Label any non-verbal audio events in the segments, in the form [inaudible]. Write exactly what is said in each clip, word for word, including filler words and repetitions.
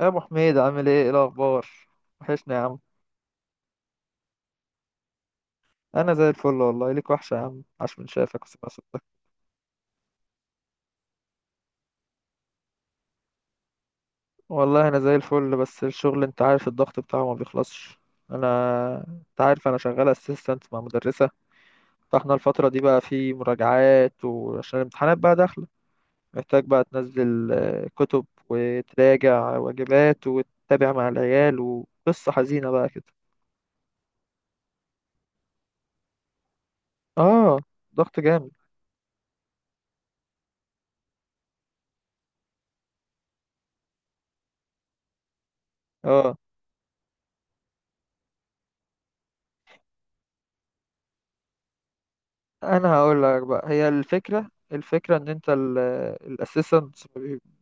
يا ابو حميد، عامل ايه؟ ايه الاخبار؟ وحشني يا عم. انا زي الفل، والله ليك وحشه يا عم، عاش من شافك وسمع صوتك. والله انا زي الفل، بس الشغل انت عارف الضغط بتاعه ما بيخلصش. انا انت عارف انا شغال اسيستنت مع مدرسه، فاحنا الفتره دي بقى في مراجعات، وعشان الامتحانات بقى داخله محتاج بقى تنزل آه، كتب، وتراجع واجبات، وتتابع مع العيال، وقصه حزينه بقى كده. اه. ضغط جامد. اه. انا هقول لك بقى، هي الفكره الفكره ان انت الاسيستنت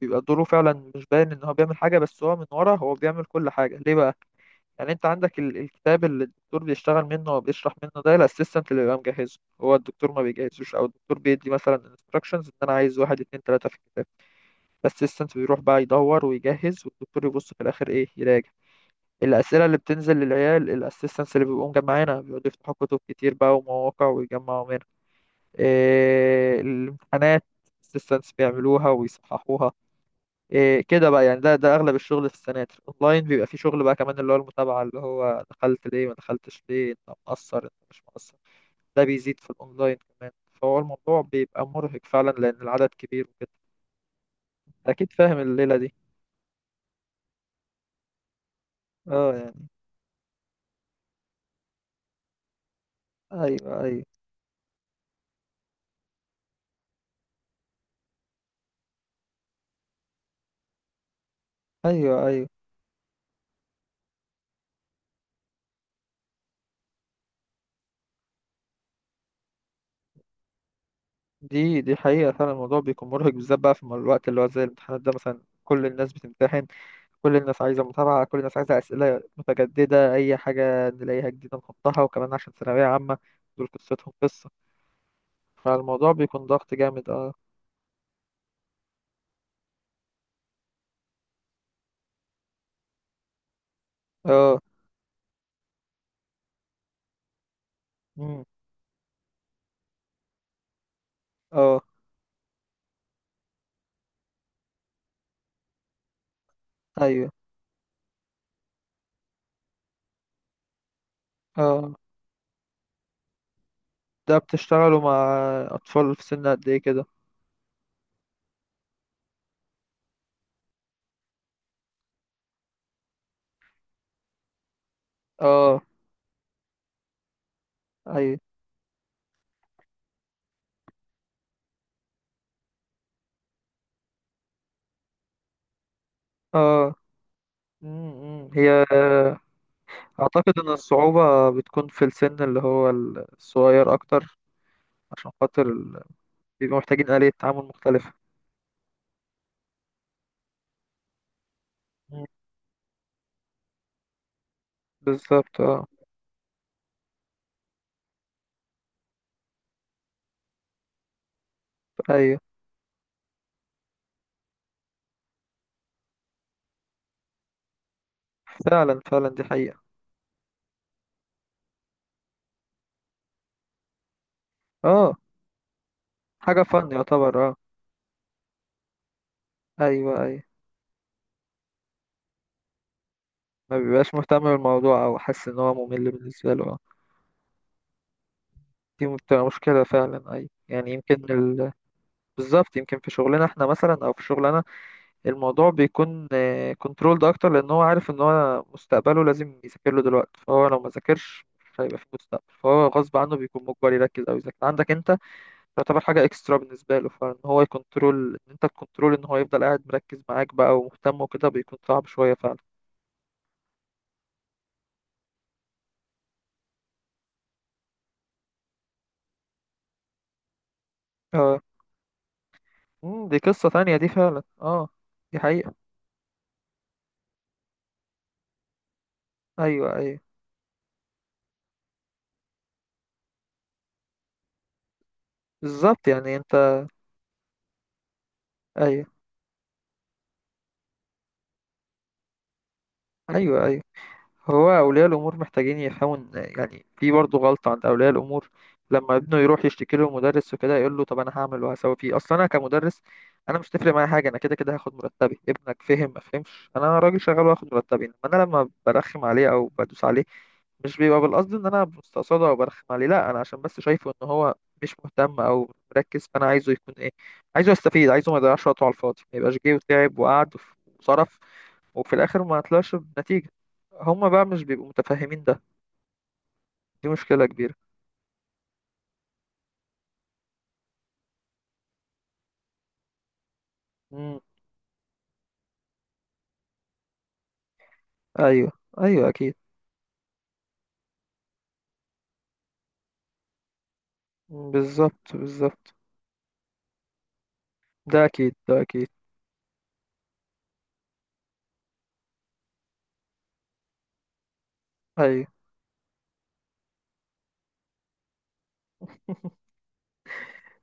بيبقى دوره فعلا مش باين ان هو بيعمل حاجه، بس هو من ورا هو بيعمل كل حاجه. ليه بقى؟ يعني انت عندك ال- الكتاب اللي الدكتور بيشتغل منه وبيشرح منه، ده الاسيستنت اللي بيبقى مجهزه، هو الدكتور ما بيجهزوش، او الدكتور بيدي مثلا انستراكشنز ان انا عايز واحد اتنين تلاته في الكتاب. الاسيستنت بيروح بقى يدور ويجهز، والدكتور يبص في الاخر ايه؟ يراجع. الأسئلة اللي بتنزل للعيال الأسيستنتس اللي بيبقوا مجمعينها بيقعدوا يفتحوا كتب كتير بقى ومواقع ويجمعوا منها. إيه، الامتحانات السيستمز بيعملوها ويصححوها. إيه، كده بقى يعني ده ده اغلب الشغل في السناتر. اونلاين بيبقى فيه شغل بقى كمان، اللي هو المتابعه، اللي هو دخلت ليه، ما دخلتش ليه، انت مقصر، انت مش مقصر. ده بيزيد في الاونلاين كمان. فهو الموضوع بيبقى مرهق فعلا لان العدد كبير وكده. اكيد فاهم الليله دي. اه يعني. ايوه، ايوه. ايوه، ايوه. دي دي حقيقه فعلا، الموضوع بيكون مرهق بالذات بقى في الوقت اللي هو زي الامتحانات ده مثلا، كل الناس بتمتحن. كل الناس عايزة متابعة، كل الناس عايزة أسئلة متجددة، أي حاجة نلاقيها جديدة نحطها، وكمان عشان ثانوية عامة دول قصتهم قصة. فالموضوع بيكون ضغط جامد. اه. اه. مم. اه. أيوه. اه. ده بتشتغلوا مع أطفال في سن قد إيه كده؟ اه. أيوه. اه. مم، مم. هي آه، أعتقد إن الصعوبة بتكون في السن اللي هو الصغير أكتر، عشان خاطر ال- بيبقوا محتاجين آلية تعامل مختلفة. مم. بالظبط. اه. أيوه. فعلا فعلا، دي حقيقة. اه. حاجة فن يعتبر. اه. ايوه، ايوه. ما بيبقاش مهتم بالموضوع او حاسس ان هو ممل بالنسبة له. اه. دي بتبقى مشكلة فعلا. ايوه يعني يمكن ال... بالظبط. يمكن في شغلنا احنا مثلا، او في شغلنا الموضوع بيكون كنترولد اكتر، لان هو عارف ان هو مستقبله لازم يذاكر له دلوقتي، فهو لو ما ذاكرش مش هيبقى في مستقبل، فهو غصب عنه بيكون مجبر يركز او يذاكر. عندك انت تعتبر حاجة اكسترا بالنسبة له، فان هو يكنترول ان انت تكنترول ان هو يفضل قاعد مركز معاك بقى ومهتم وكده بيكون صعب شوية فعلا. اه. مم، دي قصة تانية دي فعلا. اه. دي حقيقة. ايوه، ايوه. بالظبط. يعني انت. ايوه، ايوه. ايوه. هو أولياء الأمور محتاجين يحاول، يعني في برضه غلطة عند أولياء الأمور، لما ابنه يروح يشتكي له مدرس وكده يقول له طب أنا هعمل وهسوي فيه. أصلا أنا كمدرس أنا مش تفرق معايا حاجة، أنا كده كده هاخد مرتبي، ابنك فهم ما فهمش، أنا راجل شغال وهاخد مرتبي، إنما أنا لما برخم عليه أو بدوس عليه مش بيبقى بالقصد إن أنا مستقصده أو برخم عليه، لأ، أنا عشان بس شايفه إن هو مش مهتم أو مركز، فأنا عايزه يكون إيه؟ عايزه يستفيد، عايزه ما يضيعش وقته على الفاضي، ما يبقاش جه وتعب وقعد وصرف وفي الآخر ما طلعش بنتيجة. هما بقى مش بيبقوا متفاهمين ده. دي مشكلة كبيرة. امم. ايوه. ايوه اكيد. مم، بالظبط، بالظبط. ده اكيد، ده اكيد. ايوه.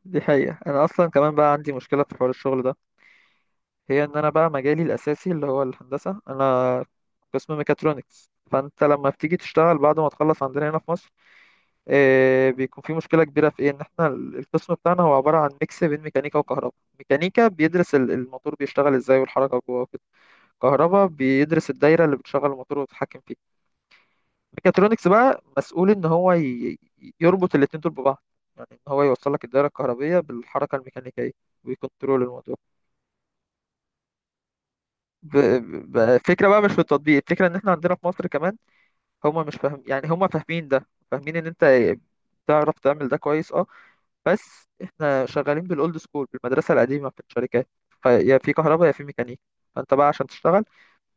دي حقيقة. انا اصلا كمان بقى عندي مشكلة في حوار الشغل ده، هي ان انا بقى مجالي الاساسي اللي هو الهندسة، انا قسم ميكاترونكس. فانت لما بتيجي تشتغل بعد ما تخلص عندنا هنا في مصر إيه، بيكون في مشكلة كبيرة في ايه، ان احنا ال- القسم بتاعنا هو عبارة عن ميكس بين ميكانيكا وكهرباء. ميكانيكا بيدرس ال- الموتور بيشتغل ازاي والحركة جوه. كهرباء بيدرس الدايرة اللي بتشغل الموتور وتتحكم فيه. ميكاترونكس بقى مسؤول إن هو ي- يربط الاتنين دول ببعض، يعني إن هو يوصل لك الدايرة الكهربية بالحركة الميكانيكية ويكنترول الموضوع. ب... ب... فكرة بقى مش في التطبيق، الفكرة إن إحنا عندنا في مصر كمان هما مش فاهم، يعني هما فاهمين ده، فاهمين إن أنت تعرف تعمل ده كويس. أه. بس إحنا شغالين بالأولد سكول، بالمدرسة القديمة، في الشركات فيا في كهرباء يا في ميكانيكا. فأنت بقى عشان تشتغل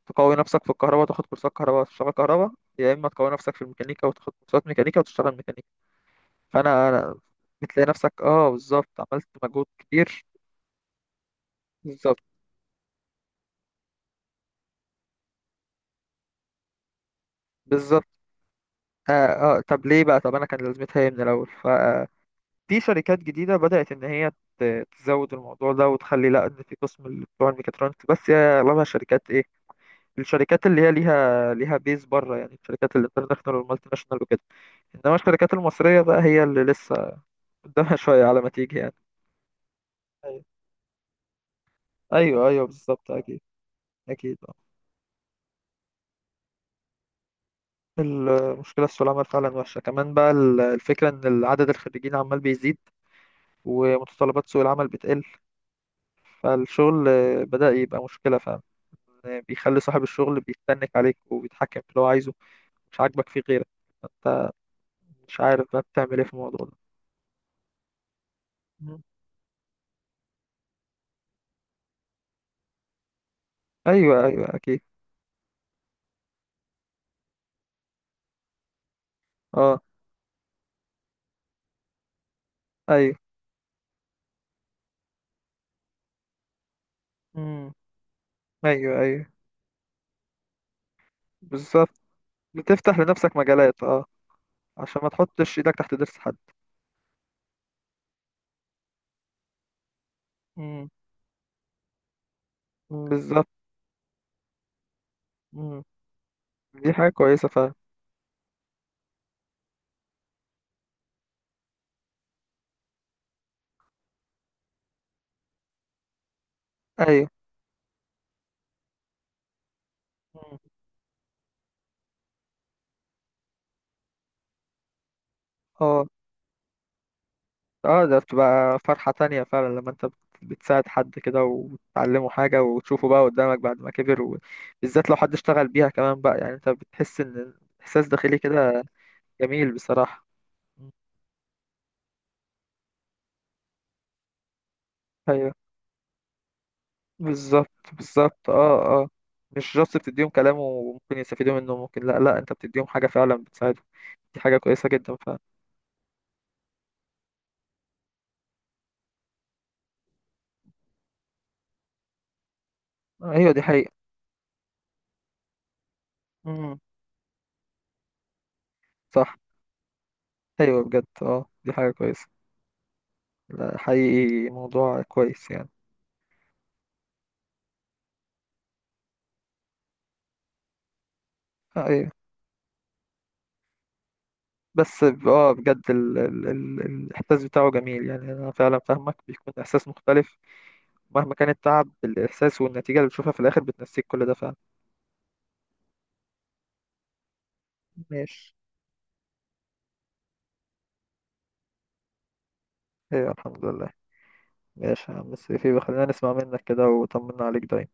تقوي نفسك في الكهرباء، تاخد كورسات كهرباء وتشتغل كهرباء، يا اما تقوي نفسك في الميكانيكا وتاخد كورسات ميكانيكا وتشتغل ميكانيكا. فانا أنا بتلاقي نفسك. اه. بالظبط، عملت مجهود كبير. بالظبط، بالظبط. آه, اه طب ليه بقى؟ طب انا كان لازمتها ايه من الاول؟ ففي شركات جديده بدات ان هي ت- تزود الموضوع ده وتخلي، لا ان في قسم اللي بتوع الميكاترونكس، بس هي اغلبها شركات ايه؟ الشركات اللي هي ليها ليها بيز بره، يعني الشركات الانترناشونال والمالتي ناشونال وكده. انما الشركات المصريه بقى هي اللي لسه قدامها [laughs] شويه على ما تيجي يعني. ايوه، ايوه بالظبط، اكيد. اكيد. آه. المشكله في سوق العمل فعلا وحشه، كمان بقى ال- الفكره ان عدد الخريجين عمال بيزيد ومتطلبات سوق العمل بتقل. فالشغل آه، بدأ يبقى مشكله فعلا، آه، بيخلي صاحب الشغل بيتنك عليك وبيتحكم في اللي هو عايزه، مش عاجبك فيه غيرك. انت مش عارف بقى بتعمل ايه في الموضوع ده. مم. ايوه، ايوه اكيد. اه، ايوه. مم. ايوه، ايوه بالظبط. بتفتح لنفسك مجالات. اه. عشان ما تحطش ايدك تحت ضرس حد. مم. بالظبط. دي حاجة كويسة فعلا. أيوة. مم. اه، اه، ده بتبقى فرحة تانية فعلا لما انت بت- بتساعد حد كده وتعلمه حاجة وتشوفه بقى قدامك بعد ما كبر، وبالذات لو حد اشتغل بيها كمان بقى، يعني انت بتحس ان احساس داخلي كده. جميل بصراحة. مم. ايوه، بالظبط بالظبط. اه، اه. مش جاست بتديهم كلام وممكن يستفيدوا منه ممكن لا، لا انت بتديهم حاجة فعلا بتساعدهم. دي حاجة كويسة جدا فعلا. ايوه دي حقيقة. امم. صح. ايوه بجد، اه، دي حاجة كويسة. لا، حقيقي موضوع كويس يعني. آه، ايوه. بس ب- اه بجد ال... ال... ال... الاحساس بتاعه جميل، يعني انا فعلا فاهمك بيكون احساس مختلف. مهما كان التعب، الاحساس والنتيجه اللي بتشوفها في الاخر بتنسيك كل ده فعلا. ماشي. ايوه، الحمد لله. ماشي يا عم سيفي، خلينا نسمع منك كده وطمنا عليك دايما.